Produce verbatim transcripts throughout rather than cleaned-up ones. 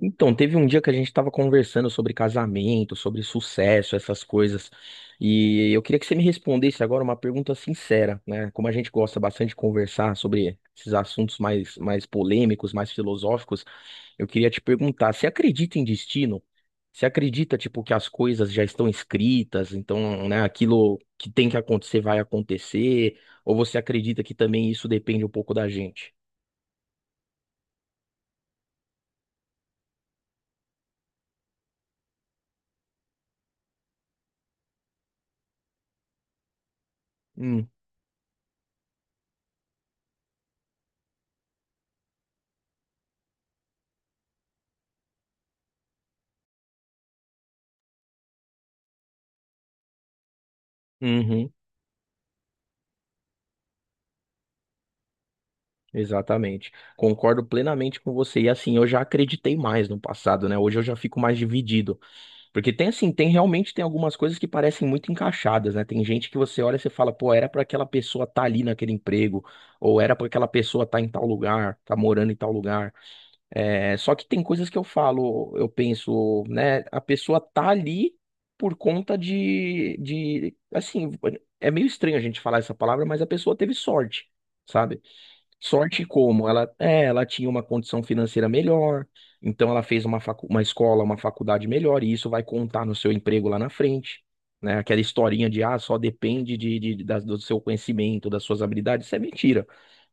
Então, teve um dia que a gente estava conversando sobre casamento, sobre sucesso, essas coisas. E eu queria que você me respondesse agora uma pergunta sincera, né? Como a gente gosta bastante de conversar sobre esses assuntos mais, mais polêmicos, mais filosóficos, eu queria te perguntar, você acredita em destino? Você acredita, tipo, que as coisas já estão escritas, então, né, aquilo que tem que acontecer vai acontecer? Ou você acredita que também isso depende um pouco da gente? Hum, uhum. Exatamente. Concordo plenamente com você. E assim, eu já acreditei mais no passado, né? Hoje eu já fico mais dividido. Porque tem assim, tem realmente tem algumas coisas que parecem muito encaixadas, né? Tem gente que você olha e você fala, pô, era pra aquela pessoa estar ali naquele emprego, ou era pra aquela pessoa estar em tal lugar, tá morando em tal lugar. É, só que tem coisas que eu falo, eu penso, né? A pessoa tá ali por conta de, de, assim, é meio estranho a gente falar essa palavra, mas a pessoa teve sorte, sabe? Sorte como ela, é, ela tinha uma condição financeira melhor, então ela fez uma, facu- uma escola, uma faculdade melhor, e isso vai contar no seu emprego lá na frente, né? Aquela historinha de ah, só depende de, de- da- do seu conhecimento, das suas habilidades, isso é mentira,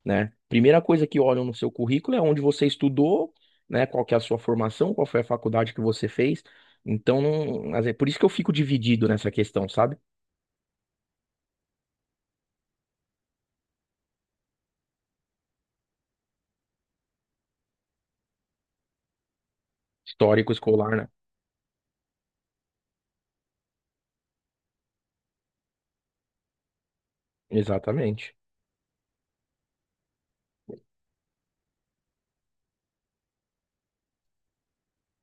né? Primeira coisa que olham no seu currículo é onde você estudou, né? Qual que é a sua formação, qual foi a faculdade que você fez. Então, não, às vezes- por isso que eu fico dividido nessa questão, sabe? Histórico escolar, né? Exatamente.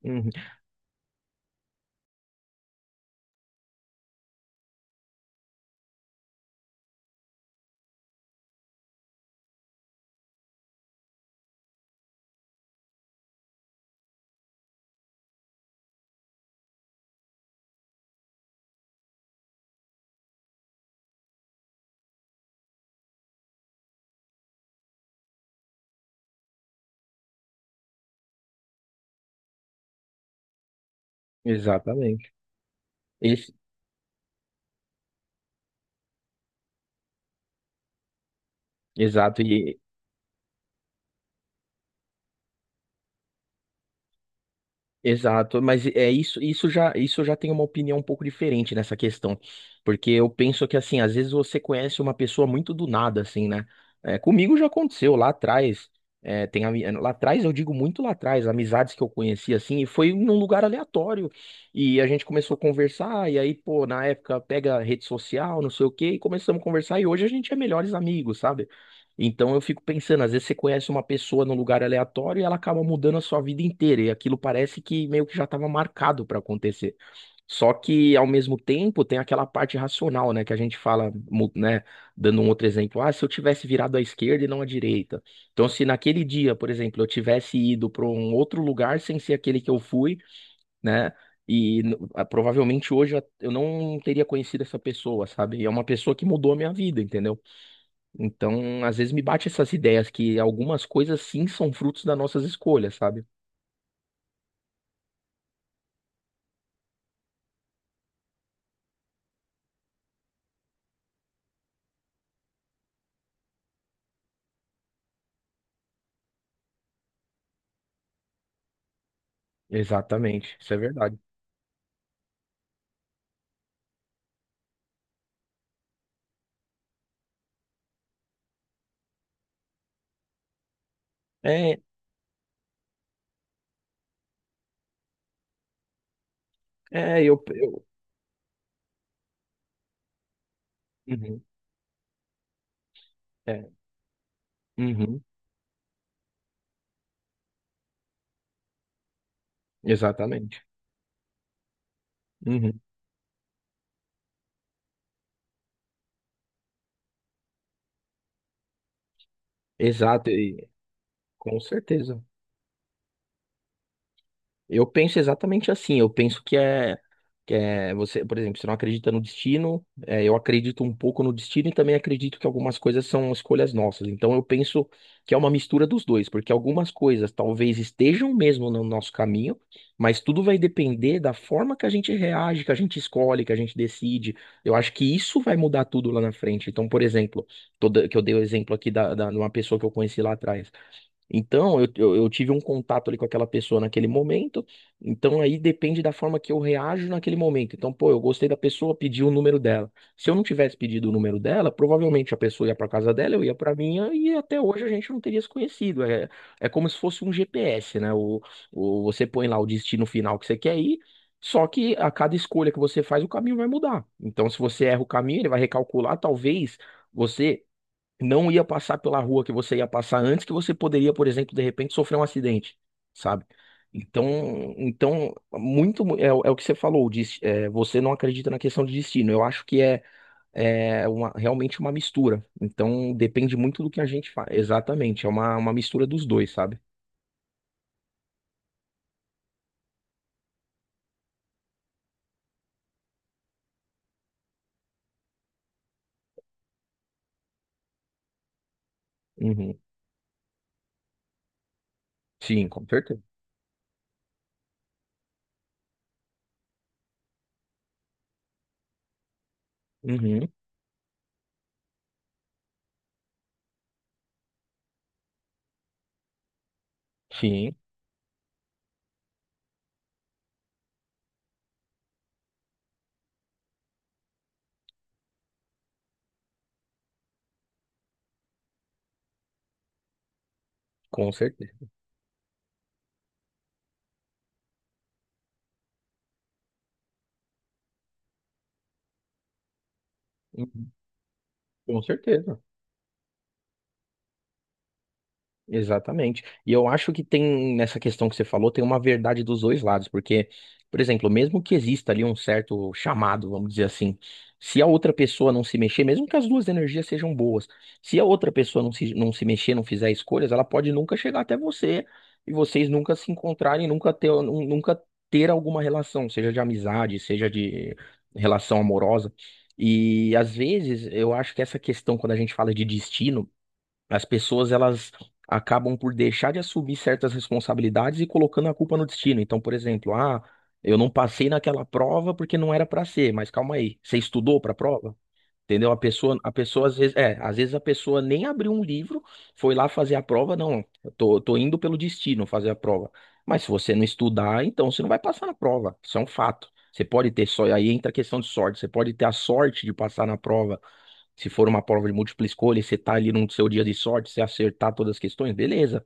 Uhum, exatamente. Esse, exato. E Exato, mas é isso, isso já, isso já tem uma opinião um pouco diferente nessa questão, porque eu penso que assim, às vezes você conhece uma pessoa muito do nada, assim, né? É, comigo já aconteceu lá atrás, é, tem ami- lá atrás eu digo muito lá atrás, amizades que eu conheci assim, e foi num lugar aleatório e a gente começou a conversar e aí pô, na época pega rede social, não sei o quê, e começamos a conversar e hoje a gente é melhores amigos, sabe? Então eu fico pensando, às vezes você conhece uma pessoa num lugar aleatório e ela acaba mudando a sua vida inteira, e aquilo parece que meio que já estava marcado para acontecer. Só que ao mesmo tempo tem aquela parte racional, né, que a gente fala, mu- né, dando um outro exemplo, ah, se eu tivesse virado à esquerda e não à direita. Então se naquele dia, por exemplo, eu tivesse ido para um outro lugar sem ser aquele que eu fui, né, E n- ah, provavelmente hoje eu eu não teria conhecido essa pessoa, sabe? E é uma pessoa que mudou a minha vida, entendeu? Então, às vezes me bate essas ideias que algumas coisas sim são frutos das nossas escolhas, sabe? Exatamente, isso é verdade. É, é, eu, eu, uhum, é, uhum, exatamente, uhum, exato, e, com certeza. Eu penso exatamente assim, eu penso que é que é você, por exemplo, você não acredita no destino, é, eu acredito um pouco no destino e também acredito que algumas coisas são escolhas nossas. Então eu penso que é uma mistura dos dois, porque algumas coisas talvez estejam mesmo no nosso caminho, mas tudo vai depender da forma que a gente reage, que a gente escolhe, que a gente decide. Eu acho que isso vai mudar tudo lá na frente. Então, por exemplo, toda, que eu dei o exemplo aqui da, da, de uma pessoa que eu conheci lá atrás. Então, eu, eu, eu tive um contato ali com aquela pessoa naquele momento, então aí depende da forma que eu reajo naquele momento. Então, pô, eu gostei da pessoa, pedi o número dela. Se eu não tivesse pedido o número dela, provavelmente a pessoa ia para casa dela, eu ia para minha, e até hoje a gente não teria se conhecido. É, é como se fosse um G P S, né? O, o, você põe lá o destino final que você quer ir, só que a cada escolha que você faz, o caminho vai mudar. Então, se você erra o caminho, ele vai recalcular, talvez. Você não ia passar pela rua que você ia passar antes, que você poderia, por exemplo, de repente sofrer um acidente, sabe? Então, então muito é, o é o que você falou, dis- é, você não acredita na questão de destino. Eu acho que é, é uma- realmente uma mistura. Então, depende muito do que a gente faz. Exatamente, é uma, uma mistura dos dois, sabe? Uhum. Sim, com certeza. Uhum. Sim, com certeza. Uhum. Com certeza. Exatamente. E eu acho que tem, nessa questão que você falou, tem uma verdade dos dois lados, porque, por exemplo, mesmo que exista ali um certo chamado, vamos dizer assim, se a outra pessoa não se mexer, mesmo que as duas energias sejam boas, se a outra pessoa não se, não se mexer, não fizer escolhas, ela pode nunca chegar até você e vocês nunca se encontrarem, nunca ter, nun- nunca ter alguma relação, seja de amizade, seja de relação amorosa. E às vezes eu acho que essa questão, quando a gente fala de destino, as pessoas elas acabam por deixar de assumir certas responsabilidades e colocando a culpa no destino. Então, por exemplo, ah, eu não passei naquela prova porque não era para ser, mas calma aí, você estudou para a prova? Entendeu? A pessoa, a pessoa às vezes, é, às vezes a pessoa nem abriu um livro, foi lá fazer a prova, não, eu tô, tô indo pelo destino fazer a prova. Mas se você não estudar, então você não vai passar na prova. Isso é um fato. Você pode ter só, aí entra a questão de sorte. Você pode ter a sorte de passar na prova se for uma prova de múltipla escolha, e você tá ali no seu dia de sorte, você acertar todas as questões, beleza.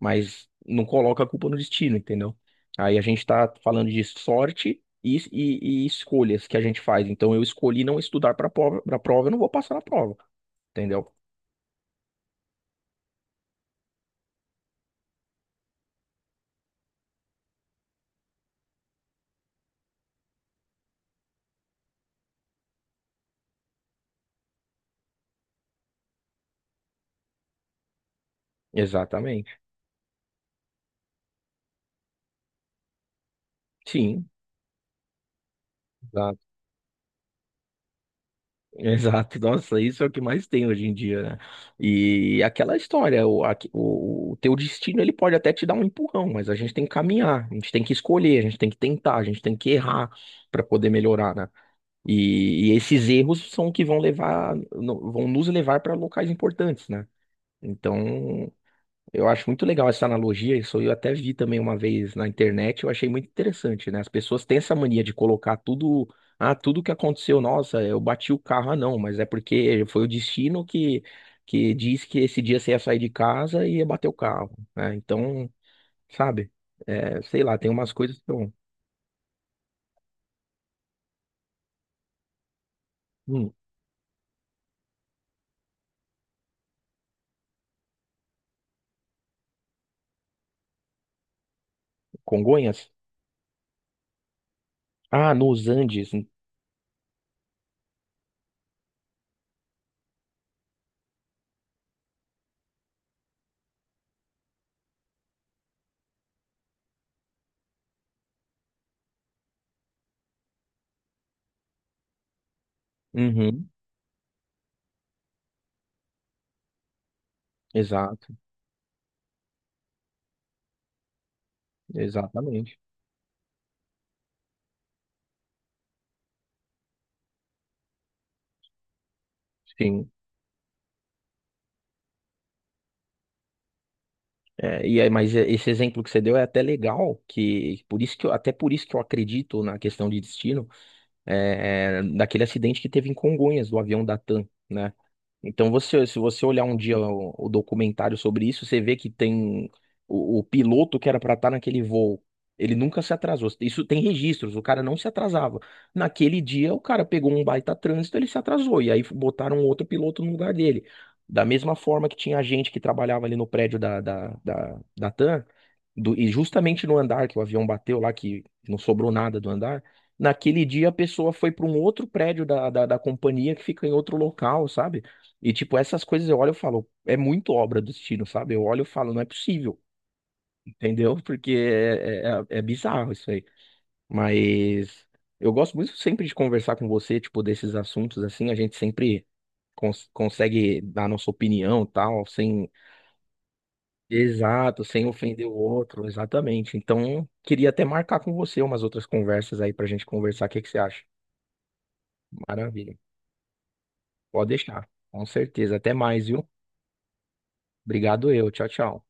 Mas não coloca a culpa no destino, entendeu? Aí a gente tá falando de sorte e, e- e escolhas que a gente faz. Então eu escolhi não estudar para prova, para prova, eu não vou passar na prova, entendeu? Exatamente. Sim. exato. Exato, nossa, isso é o que mais tem hoje em dia, né? E aquela história, o, aque- o, o teu destino ele pode até te dar um empurrão, mas a gente tem que caminhar, a gente tem que escolher, a gente tem que tentar, a gente tem que errar para poder melhorar, né? E, e esses erros são o que vão levar, no- vão nos levar para locais importantes, né? Então, eu acho muito legal essa analogia, isso eu até vi também uma vez na internet, eu achei muito interessante, né? As pessoas têm essa mania de colocar tudo, ah, tudo que aconteceu, nossa, eu bati o carro, ah, não, mas é porque foi o destino que, que disse que esse dia você ia sair de casa e ia bater o carro, né? Então, sabe, é, sei lá, tem umas coisas que eu- hum, Congonhas? Ah, nos Andes. Uhum, exato, exatamente. Sim. É, e aí, mas esse exemplo que você deu é até legal, que por isso que eu, até por isso que eu acredito na questão de destino, é, é, daquele acidente que teve em Congonhas, do avião da TAM, né? Então, você, se você olhar um dia o, o documentário sobre isso, você vê que tem o, o piloto que era para estar naquele voo. Ele nunca se atrasou. Isso tem registros, o cara não se atrasava. Naquele dia, o cara pegou um baita trânsito, ele se atrasou. E aí botaram outro piloto no lugar dele. Da mesma forma que tinha gente que trabalhava ali no prédio da, da, da, da TAM, do- e justamente no andar que o avião bateu lá, que não sobrou nada do andar. Naquele dia, a pessoa foi para um outro prédio da, da, da companhia que fica em outro local, sabe? E, tipo, essas coisas eu olho e falo, é muito obra do destino, sabe? Eu olho e falo, não é possível, entendeu? Porque é, é, é bizarro isso aí. Mas eu gosto muito sempre de conversar com você, tipo, desses assuntos, assim, a gente sempre cons- consegue dar nossa opinião, tal, sem. Exato, sem ofender o outro, exatamente. Então, queria até marcar com você umas outras conversas aí pra gente conversar, o que que você acha? Maravilha. Pode deixar, com certeza. Até mais, viu? Obrigado eu, tchau, tchau.